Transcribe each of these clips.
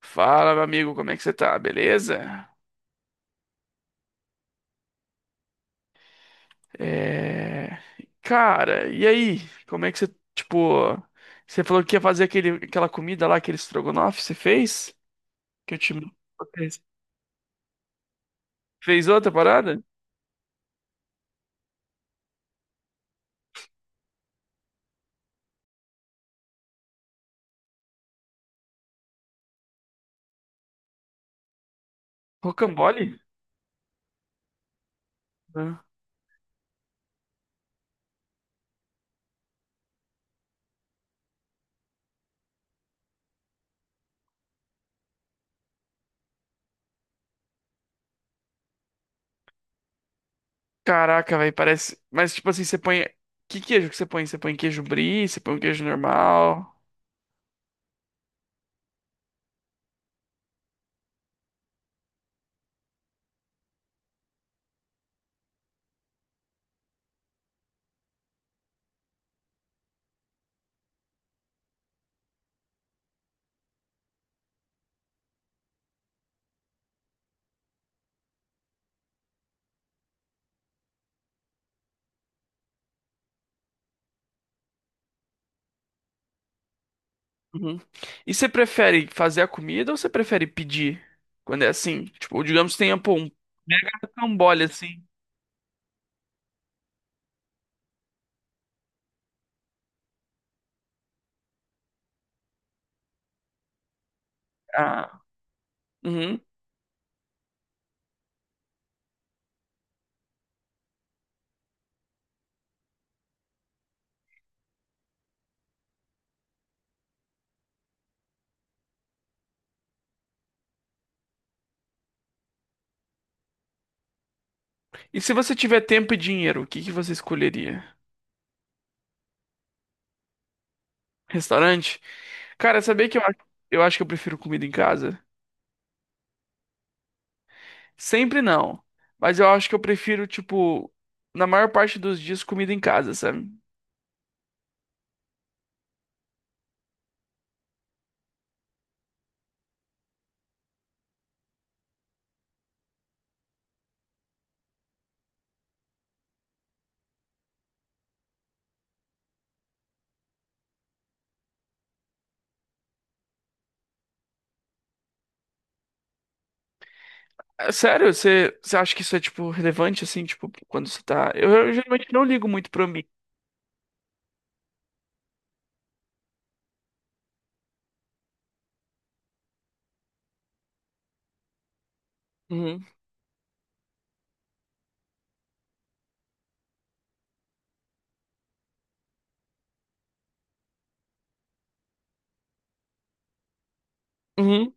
Fala, meu amigo, como é que você tá? Beleza? É. Cara, e aí? Como é que você, tipo, você falou que ia fazer aquela comida lá, aquele estrogonofe, você fez? Que eu te. Fez outra parada? Rocambole? Né? Caraca, velho, parece, mas tipo assim, você põe que queijo que você põe? Você põe queijo brie, você põe um queijo normal? Uhum. E você prefere fazer a comida ou você prefere pedir? Quando é assim, tipo, digamos que tenha, pô, um mega rocambole assim. ah, Uhum. E se você tiver tempo e dinheiro, o que que você escolheria? Restaurante? Cara, sabia que eu acho que eu prefiro comida em casa? Sempre não. Mas eu acho que eu prefiro, tipo, na maior parte dos dias, comida em casa, sabe? É sério, você acha que isso é, tipo, relevante, assim, tipo, quando você tá. Eu geralmente não ligo muito pro ambiente. Uhum. Uhum.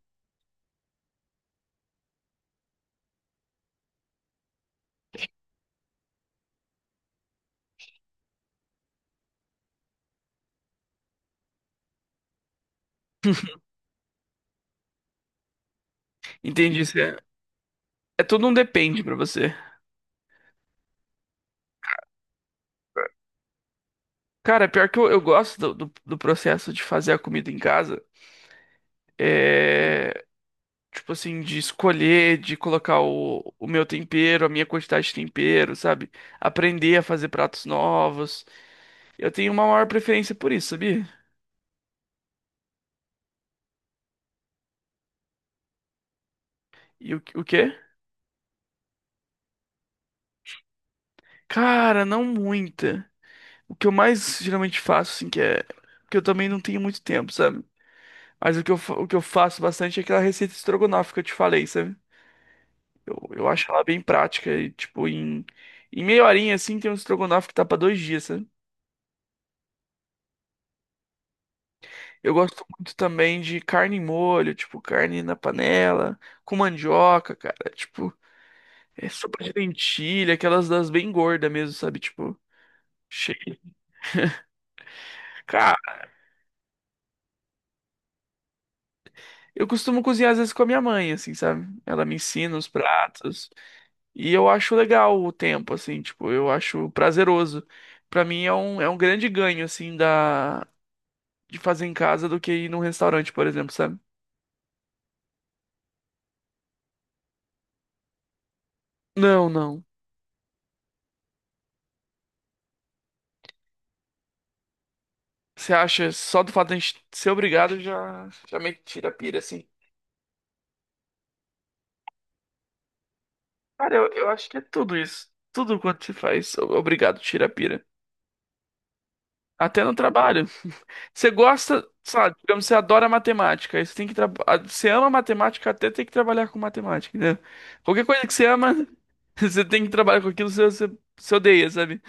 Entendi. Isso é tudo um depende pra você. Cara, pior que eu gosto do processo de fazer a comida em casa. é Tipo assim, de escolher, de colocar o meu tempero, a minha quantidade de tempero, sabe? Aprender a fazer pratos novos. Eu tenho uma maior preferência por isso, sabia? E o quê? Cara, não muita. O que eu mais geralmente faço, assim, que é. Porque eu também não tenho muito tempo, sabe? Mas o que eu faço bastante é aquela receita estrogonofe que eu te falei, sabe? Eu acho ela bem prática e, tipo, em meia horinha, assim, tem um estrogonofe que tá pra 2 dias, sabe? Eu gosto muito também de carne em molho, tipo, carne na panela, com mandioca, cara. Tipo, é sopa de lentilha, aquelas das bem gordas mesmo, sabe? Tipo, cheia. Cara, eu costumo cozinhar às vezes com a minha mãe, assim, sabe? Ela me ensina os pratos. E eu acho legal o tempo, assim, tipo, eu acho prazeroso. Pra mim é um grande ganho, assim, de fazer em casa do que ir num restaurante, por exemplo, sabe? Não, não. Você acha, só do fato de a gente ser obrigado já meio que tira a pira, assim. Cara, eu acho que é tudo isso. Tudo quanto se faz. Obrigado, tira a pira. Até no trabalho. Você gosta, sabe, digamos, você adora matemática. Aí você ama matemática até tem que trabalhar com matemática, entendeu? Qualquer coisa que você ama, você tem que trabalhar com aquilo, você odeia, sabe?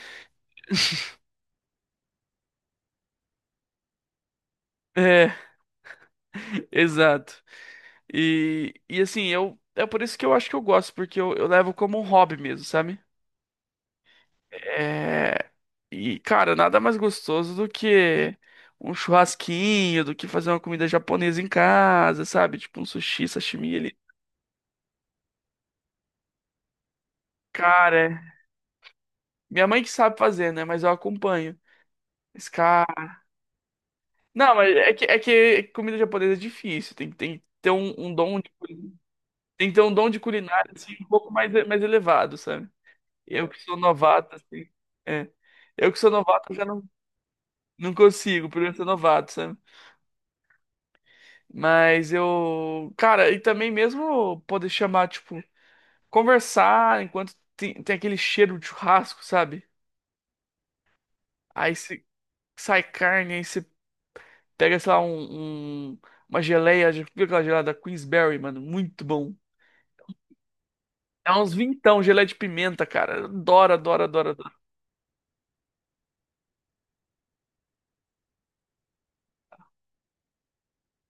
É, exato. E assim, é por isso que eu acho que eu gosto, porque eu levo como um hobby mesmo, sabe? É. E, cara, nada mais gostoso do que um churrasquinho, do que fazer uma comida japonesa em casa, sabe? Tipo um sushi, sashimi ali. Cara, minha mãe que sabe fazer, né? Mas eu acompanho. Esse cara. Não, mas é que, comida japonesa é difícil. Tem que ter um dom de, culi- tem que ter um dom de culinária assim, um pouco mais elevado, sabe? Eu que sou novato, assim. É. Eu que sou novato, eu já não consigo, por eu ser novato, sabe? Mas eu, cara, e também mesmo poder chamar, tipo, conversar enquanto tem aquele cheiro de churrasco, sabe? Aí se sai carne, aí você pega, sei lá, um, uma geleia, já viu aquela geleia da Queensberry, mano? Muito bom. É uns vintão, geleia de pimenta, cara. Adoro, adoro, adoro, adoro.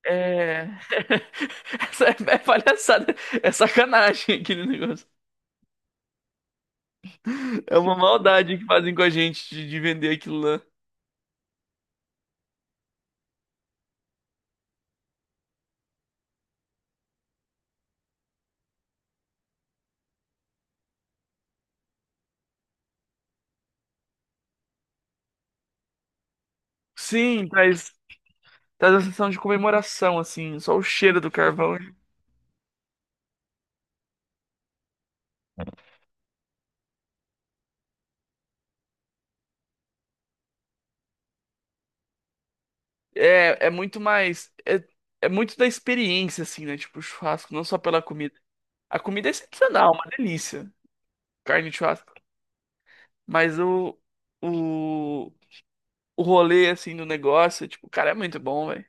É. Essa é palhaçada, é sacanagem aquele negócio. É uma maldade que fazem com a gente de vender aquilo lá. Sim, traz. Traz uma sensação de comemoração, assim, só o cheiro do carvão. É muito mais. É muito da experiência, assim, né? Tipo, o churrasco, não só pela comida. A comida é excepcional, uma delícia. Carne de churrasco. Mas o, o rolê, assim, do negócio, tipo, cara, é muito bom, velho.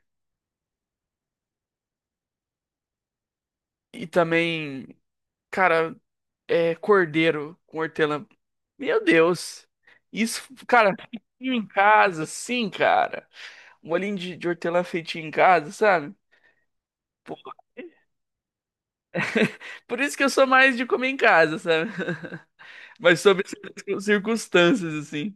E também, cara, é cordeiro com hortelã. Meu Deus. Isso, cara, feitinho em casa, sim, cara. Um olhinho de hortelã feitinho em casa, sabe? Pô. Por isso que eu sou mais de comer em casa, sabe? Mas sob certas circunstâncias, assim.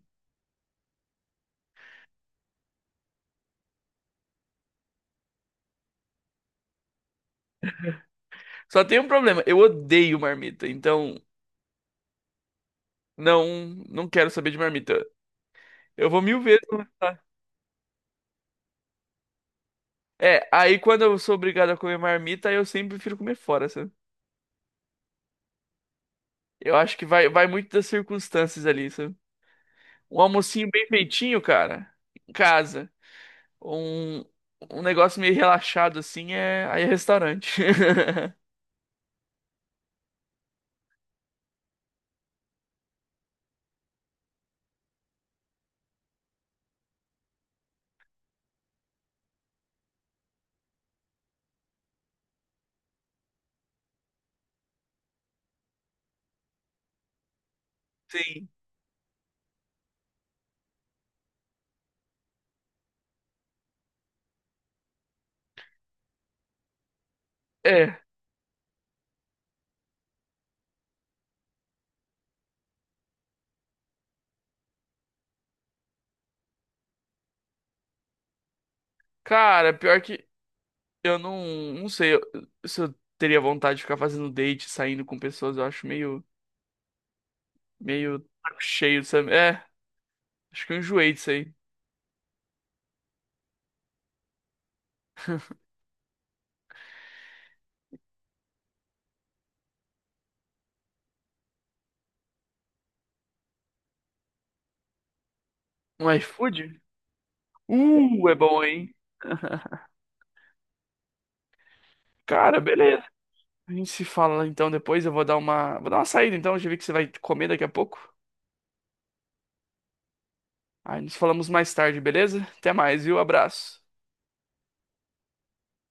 Só tem um problema, eu odeio marmita, então não, não quero saber de marmita. Eu vou mil vezes. No. É, aí quando eu sou obrigado a comer marmita, eu sempre prefiro comer fora, sabe? Eu acho que vai muito das circunstâncias ali, sabe? Um almocinho bem feitinho, cara, em casa. Um, um negócio meio relaxado assim aí é restaurante. Sim. É, cara, pior que eu não sei se eu teria vontade de ficar fazendo date, saindo com pessoas. Eu acho meio saco cheio, sabe? É, acho que eu enjoei disso aí. Um iFood? É bom, hein? Cara, beleza. A gente se fala então depois. Eu vou dar uma saída então. Já vi que você vai comer daqui a pouco. Aí nos falamos mais tarde, beleza? Até mais, viu? Abraço.